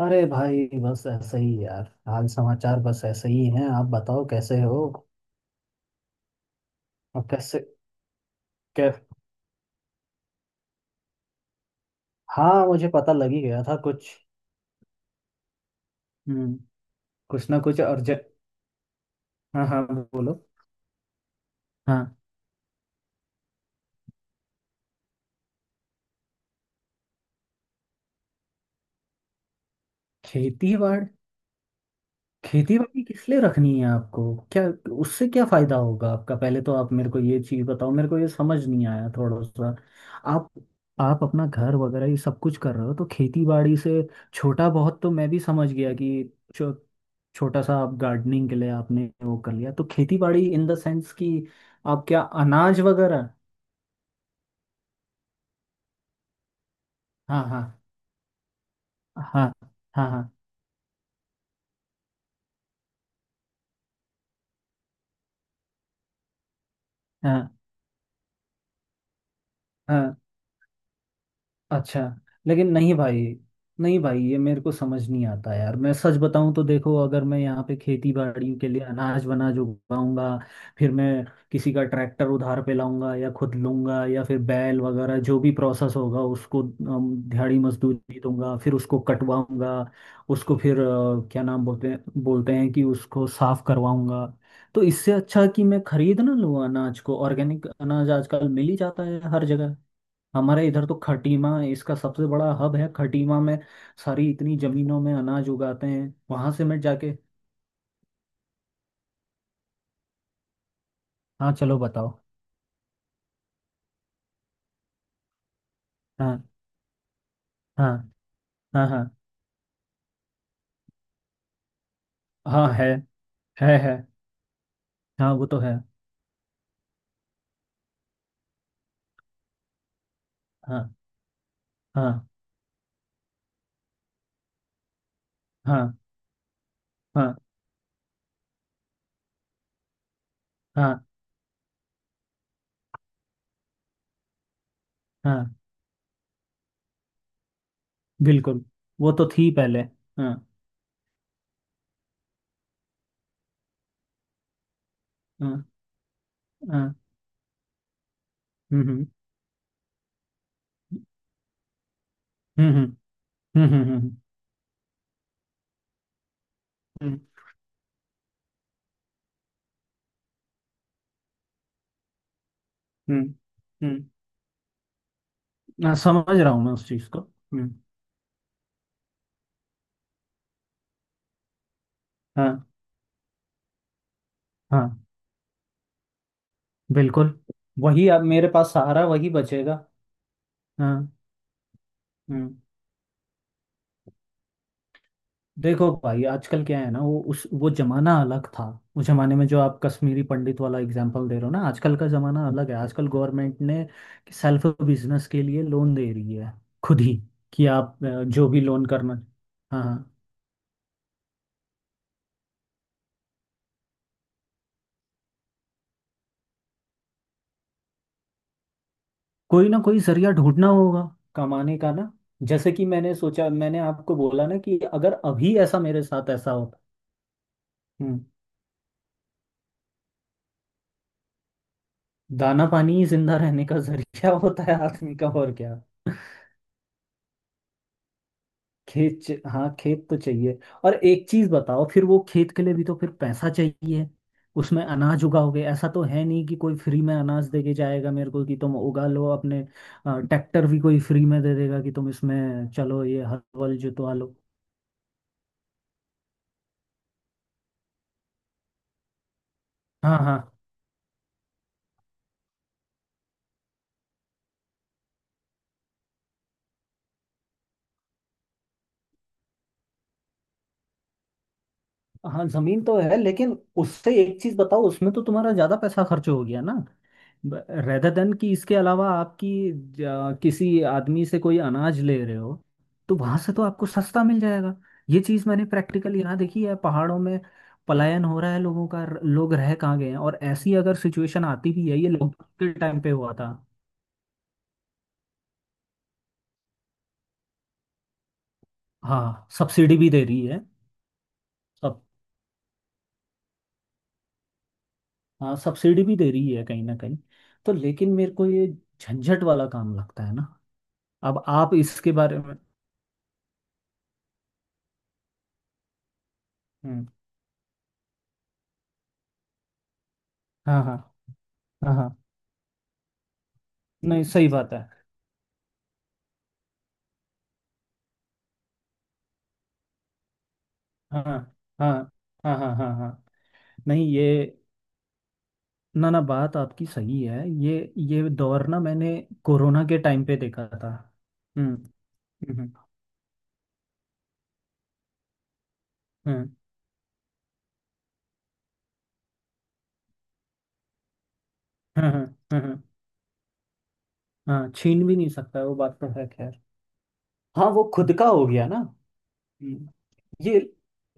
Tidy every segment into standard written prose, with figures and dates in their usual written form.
अरे भाई बस ऐसे ही यार। हाल समाचार बस ऐसे ही हैं। आप बताओ कैसे हो। और कैसे। कै हाँ मुझे पता लग ही गया था कुछ। हम्म। कुछ ना कुछ अर्जेंट। हाँ हाँ, बोलो। हाँ। खेती बाड़ खेती बाड़ी किस लिए रखनी है आपको? क्या? उससे क्या फायदा होगा आपका? पहले तो आप मेरे को ये चीज बताओ, मेरे को ये समझ नहीं आया थोड़ा सा। आप आप अपना घर वगैरह ये सब कुछ कर रहे हो, तो खेती बाड़ी से। छोटा बहुत तो मैं भी समझ गया कि छोटा सा आप गार्डनिंग के लिए आपने वो कर लिया। तो खेती बाड़ी इन द सेंस कि आप क्या अनाज वगैरह। हाँ हाँ। हाँ हाँ। हाँ हाँ हाँ। अच्छा। लेकिन नहीं भाई। नहीं भाई ये मेरे को समझ नहीं आता यार। मैं सच बताऊं तो देखो, अगर मैं यहाँ पे खेती बाड़ी के लिए अनाज वनाज उगाऊंगा, फिर मैं किसी का ट्रैक्टर उधार पे लाऊंगा या खुद लूंगा, या फिर बैल वगैरह जो भी प्रोसेस होगा उसको दिहाड़ी मजदूरी दूंगा, फिर उसको कटवाऊंगा, उसको फिर क्या नाम बोलते हैं कि उसको साफ करवाऊंगा। तो इससे अच्छा कि मैं खरीद ना लूँ अनाज को। ऑर्गेनिक अनाज आजकल मिल ही जाता है हर जगह। हमारे इधर तो खटीमा इसका सबसे बड़ा हब है। खटीमा में सारी इतनी जमीनों में अनाज उगाते हैं, वहां से मैं जाके। हाँ चलो बताओ। हाँ हाँ। हाँ हाँ। हाँ। है, है। है। हाँ वो तो है। हाँ हाँ। हाँ हाँ। हाँ हाँ बिल्कुल। वो तो थी पहले। हाँ हाँ। हाँ। हम्म। हम्म। हम्म। हम्म, हम्म, हम्म, हाँ, समझ रहा हूँ मैं उस चीज को। हम्म। हाँ हाँ बिल्कुल। वही अब मेरे पास सहारा वही बचेगा। हाँ। हम्म, देखो भाई आजकल क्या है ना। वो जमाना अलग था। उस जमाने में जो आप कश्मीरी पंडित वाला एग्जांपल दे रहे हो ना, आजकल का जमाना अलग है। आजकल गवर्नमेंट ने सेल्फ बिजनेस के लिए लोन दे रही है खुद ही, कि आप जो भी लोन करना। हाँ हाँ। कोई ना कोई जरिया ढूंढना होगा कमाने का ना। जैसे कि मैंने सोचा, मैंने आपको बोला ना, कि अगर अभी ऐसा मेरे साथ ऐसा होता। हम्म। दाना पानी ही जिंदा रहने का जरिया होता है आदमी का, और क्या। हाँ खेत तो चाहिए। और एक चीज बताओ, फिर वो खेत के लिए भी तो फिर पैसा चाहिए। उसमें अनाज उगाओगे, ऐसा तो है नहीं कि कोई फ्री में अनाज देके जाएगा मेरे को कि तुम उगा लो अपने। ट्रैक्टर भी कोई फ्री में दे देगा कि तुम इसमें चलो ये हल वल जुतवा लो। हाँ हाँ। हाँ जमीन तो है, लेकिन उससे एक चीज बताओ, उसमें तो तुम्हारा ज्यादा पैसा खर्च हो गया ना। रेदर देन कि इसके अलावा आपकी किसी आदमी से कोई अनाज ले रहे हो, तो वहां से तो आपको सस्ता मिल जाएगा। ये चीज मैंने प्रैक्टिकली यहाँ देखी है पहाड़ों में। पलायन हो रहा है लोगों का। लोग रह कहाँ गए हैं। और ऐसी अगर सिचुएशन आती भी है, ये लॉकडाउन के टाइम पे हुआ था। हाँ सब्सिडी भी दे रही है। सब। हाँ सब्सिडी भी दे रही है कहीं ना कहीं। तो लेकिन मेरे को ये झंझट वाला काम लगता है ना। अब आप इसके बारे में। हम्म, हाँ हाँ हाँ हाँ, नहीं सही बात है। हाँ हाँ हाँ हाँ। हाँ हाँ। नहीं ये। ना ना, बात आपकी सही है ये। ये दौर ना, मैंने कोरोना के टाइम पे देखा था। हम्म हम्म। हम्म। हाँ हाँ। हाँ हाँ। हाँ, छीन भी नहीं सकता, वो बात तो है खैर। हाँ वो खुद का हो गया ना। हम्म, ये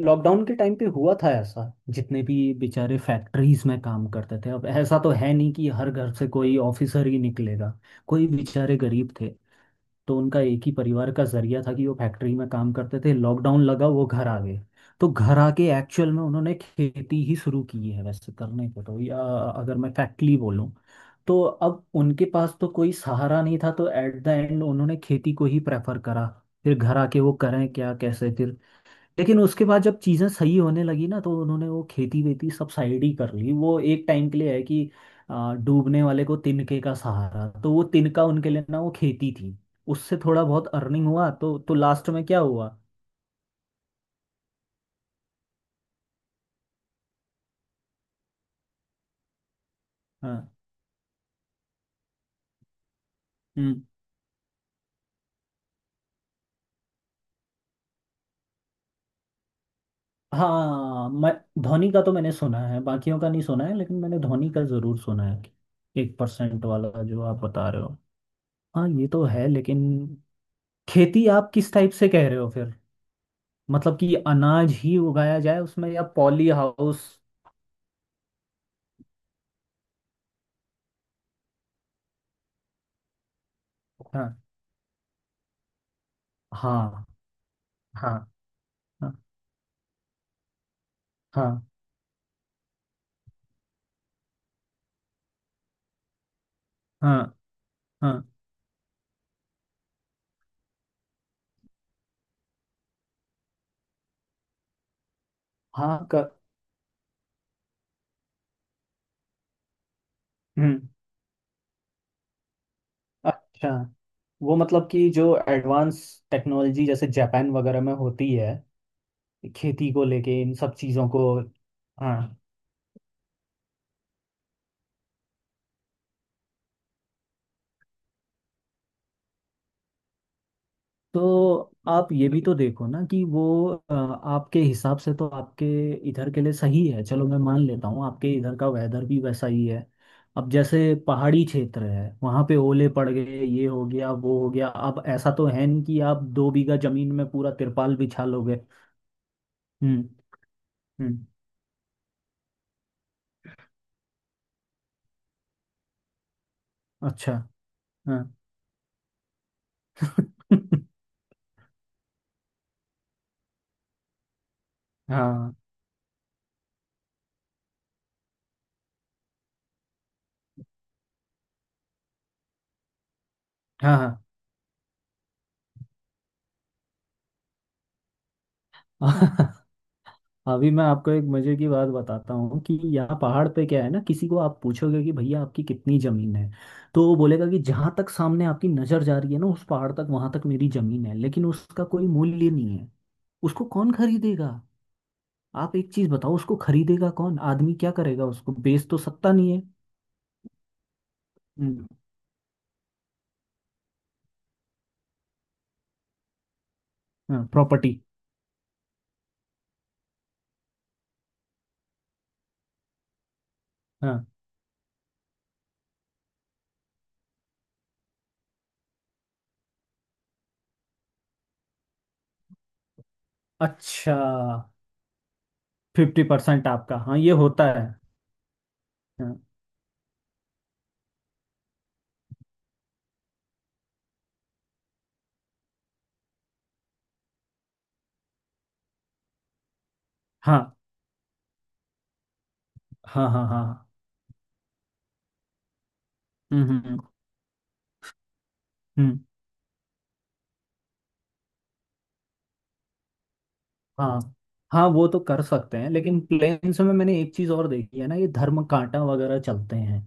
लॉकडाउन के टाइम पे हुआ था ऐसा। जितने भी बेचारे फैक्ट्रीज में काम करते थे, अब ऐसा तो है नहीं कि हर घर से कोई ऑफिसर ही निकलेगा। कोई बेचारे गरीब थे, तो उनका एक ही परिवार का जरिया था कि वो फैक्ट्री में काम करते थे। लॉकडाउन लगा, वो घर आ गए। तो घर आके एक्चुअल में उन्होंने खेती ही शुरू की है वैसे, करने को तो। या अगर मैं फैक्टली बोलूँ, तो अब उनके पास तो कोई सहारा नहीं था, तो एट द एंड उन्होंने खेती को ही प्रेफर करा। फिर घर आके वो करें क्या, कैसे फिर। लेकिन उसके बाद जब चीज़ें सही होने लगी ना, तो उन्होंने वो खेती वेती सब साइड ही कर ली। वो एक टाइम के लिए है कि डूबने वाले को तिनके का सहारा, तो वो तिनका उनके लिए ना वो खेती थी। उससे थोड़ा बहुत अर्निंग हुआ, तो लास्ट में क्या हुआ। हाँ। हम्म, हाँ मैं धोनी का तो मैंने सुना है, बाकियों का नहीं सुना है, लेकिन मैंने धोनी का ज़रूर सुना है। एक परसेंट वाला जो आप बता रहे हो, हाँ ये तो है। लेकिन खेती आप किस टाइप से कह रहे हो फिर? मतलब कि अनाज ही उगाया जाए उसमें, या पॉली हाउस। हाँ हाँ। हाँ हाँ। हाँ हाँ। हाँ हाँ का। हम्म। अच्छा, वो मतलब कि जो एडवांस टेक्नोलॉजी जैसे जापान वगैरह में होती है, खेती को लेके इन सब चीज़ों को। हाँ। तो आप ये भी तो देखो ना कि वो आपके हिसाब से तो आपके इधर के लिए सही है, चलो मैं मान लेता हूँ आपके इधर का वेदर भी वैसा ही है। अब जैसे पहाड़ी क्षेत्र है, वहाँ पे ओले पड़ गए, ये हो गया, वो हो गया, अब ऐसा तो है नहीं कि आप दो बीघा जमीन में पूरा तिरपाल बिछा लोगे। हम्म हम्म। अच्छा। हाँ हाँ हाँ हाँ अभी मैं आपको एक मजे की बात बताता हूँ कि यहाँ पहाड़ पे क्या है ना, किसी को आप पूछोगे कि भैया आपकी कितनी जमीन है, तो वो बोलेगा कि जहां तक सामने आपकी नजर जा रही है ना उस पहाड़ तक, वहां तक मेरी जमीन है, लेकिन उसका कोई मूल्य नहीं है। उसको कौन खरीदेगा। आप एक चीज बताओ, उसको खरीदेगा कौन, आदमी क्या करेगा, उसको बेच तो सकता नहीं है। हम्म, हाँ, प्रॉपर्टी। हाँ। अच्छा। फिफ्टी परसेंट आपका, हाँ ये होता है। हाँ हाँ। हाँ हाँ। हाँ हाँ, हम्म। हम्म। हाँ। हाँ वो तो कर सकते हैं, लेकिन प्लेन्स में मैंने एक चीज़ और देखी है ना, ये धर्म कांटा वगैरह चलते हैं।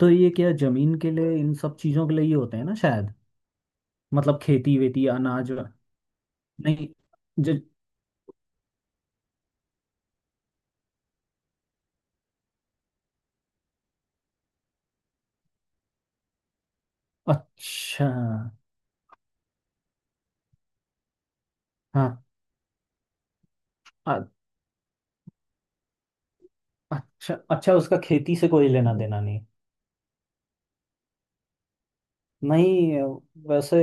तो ये क्या जमीन के लिए इन सब चीज़ों के लिए ही होते हैं ना शायद? मतलब खेती वेती अनाज। नहीं। जो। अच्छा। हाँ। अ- अच्छा अच्छा, उसका खेती से कोई लेना देना नहीं। नहीं। वैसे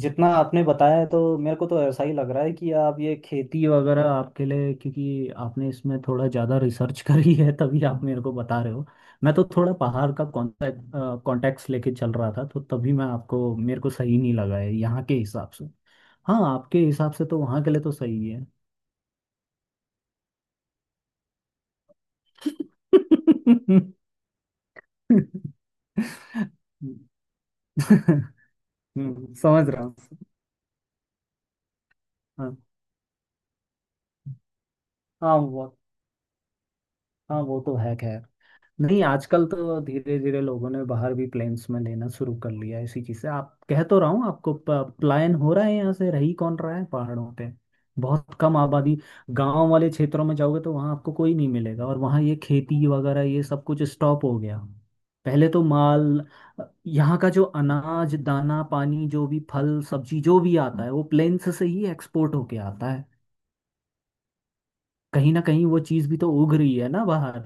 जितना आपने बताया है, तो मेरे को तो ऐसा ही लग रहा है कि आप ये खेती वगैरह आपके लिए, क्योंकि आपने इसमें थोड़ा ज़्यादा रिसर्च करी है तभी आप मेरे को बता रहे हो। मैं तो थोड़ा पहाड़ का कॉन्टेक्ट कॉन्टेक्ट लेके चल रहा था, तो तभी मैं आपको, मेरे को सही नहीं लगा है यहाँ के हिसाब से। हाँ आपके हिसाब से तो वहाँ के लिए तो सही है। समझ रहा हूँ। हाँ हाँ वो, हाँ वो तो है खैर। नहीं आजकल तो धीरे धीरे लोगों ने बाहर भी प्लेन्स में लेना शुरू कर लिया है, इसी चीज से आप, कह तो रहा हूँ आपको, पलायन हो रहा है यहाँ से, रही कौन रहा है पहाड़ों पे, बहुत कम आबादी। गांव वाले क्षेत्रों में जाओगे, तो वहाँ आपको कोई नहीं मिलेगा, और वहाँ ये खेती वगैरह ये सब कुछ स्टॉप हो गया। पहले तो माल यहाँ का जो अनाज दाना पानी जो भी फल सब्जी जो भी आता है, वो प्लेन्स से ही एक्सपोर्ट होके आता है, कहीं ना कहीं वो चीज़ भी तो उग रही है ना बाहर।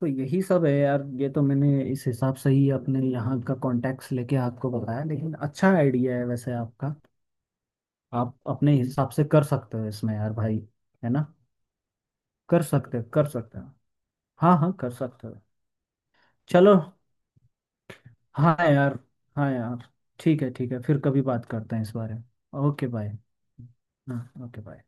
तो यही सब है यार। ये तो मैंने इस हिसाब से ही अपने यहाँ का कॉन्टेक्ट लेके आपको बताया, लेकिन अच्छा आइडिया है वैसे आपका। आप अपने हिसाब से कर सकते हो इसमें यार भाई, है ना। कर सकते हो, कर सकते हो। हाँ हाँ कर सकते हो। चलो। हाँ यार। हाँ यार। ठीक है ठीक है, फिर कभी बात करते हैं इस बारे में। Okay bye. हाँ ओके बाय।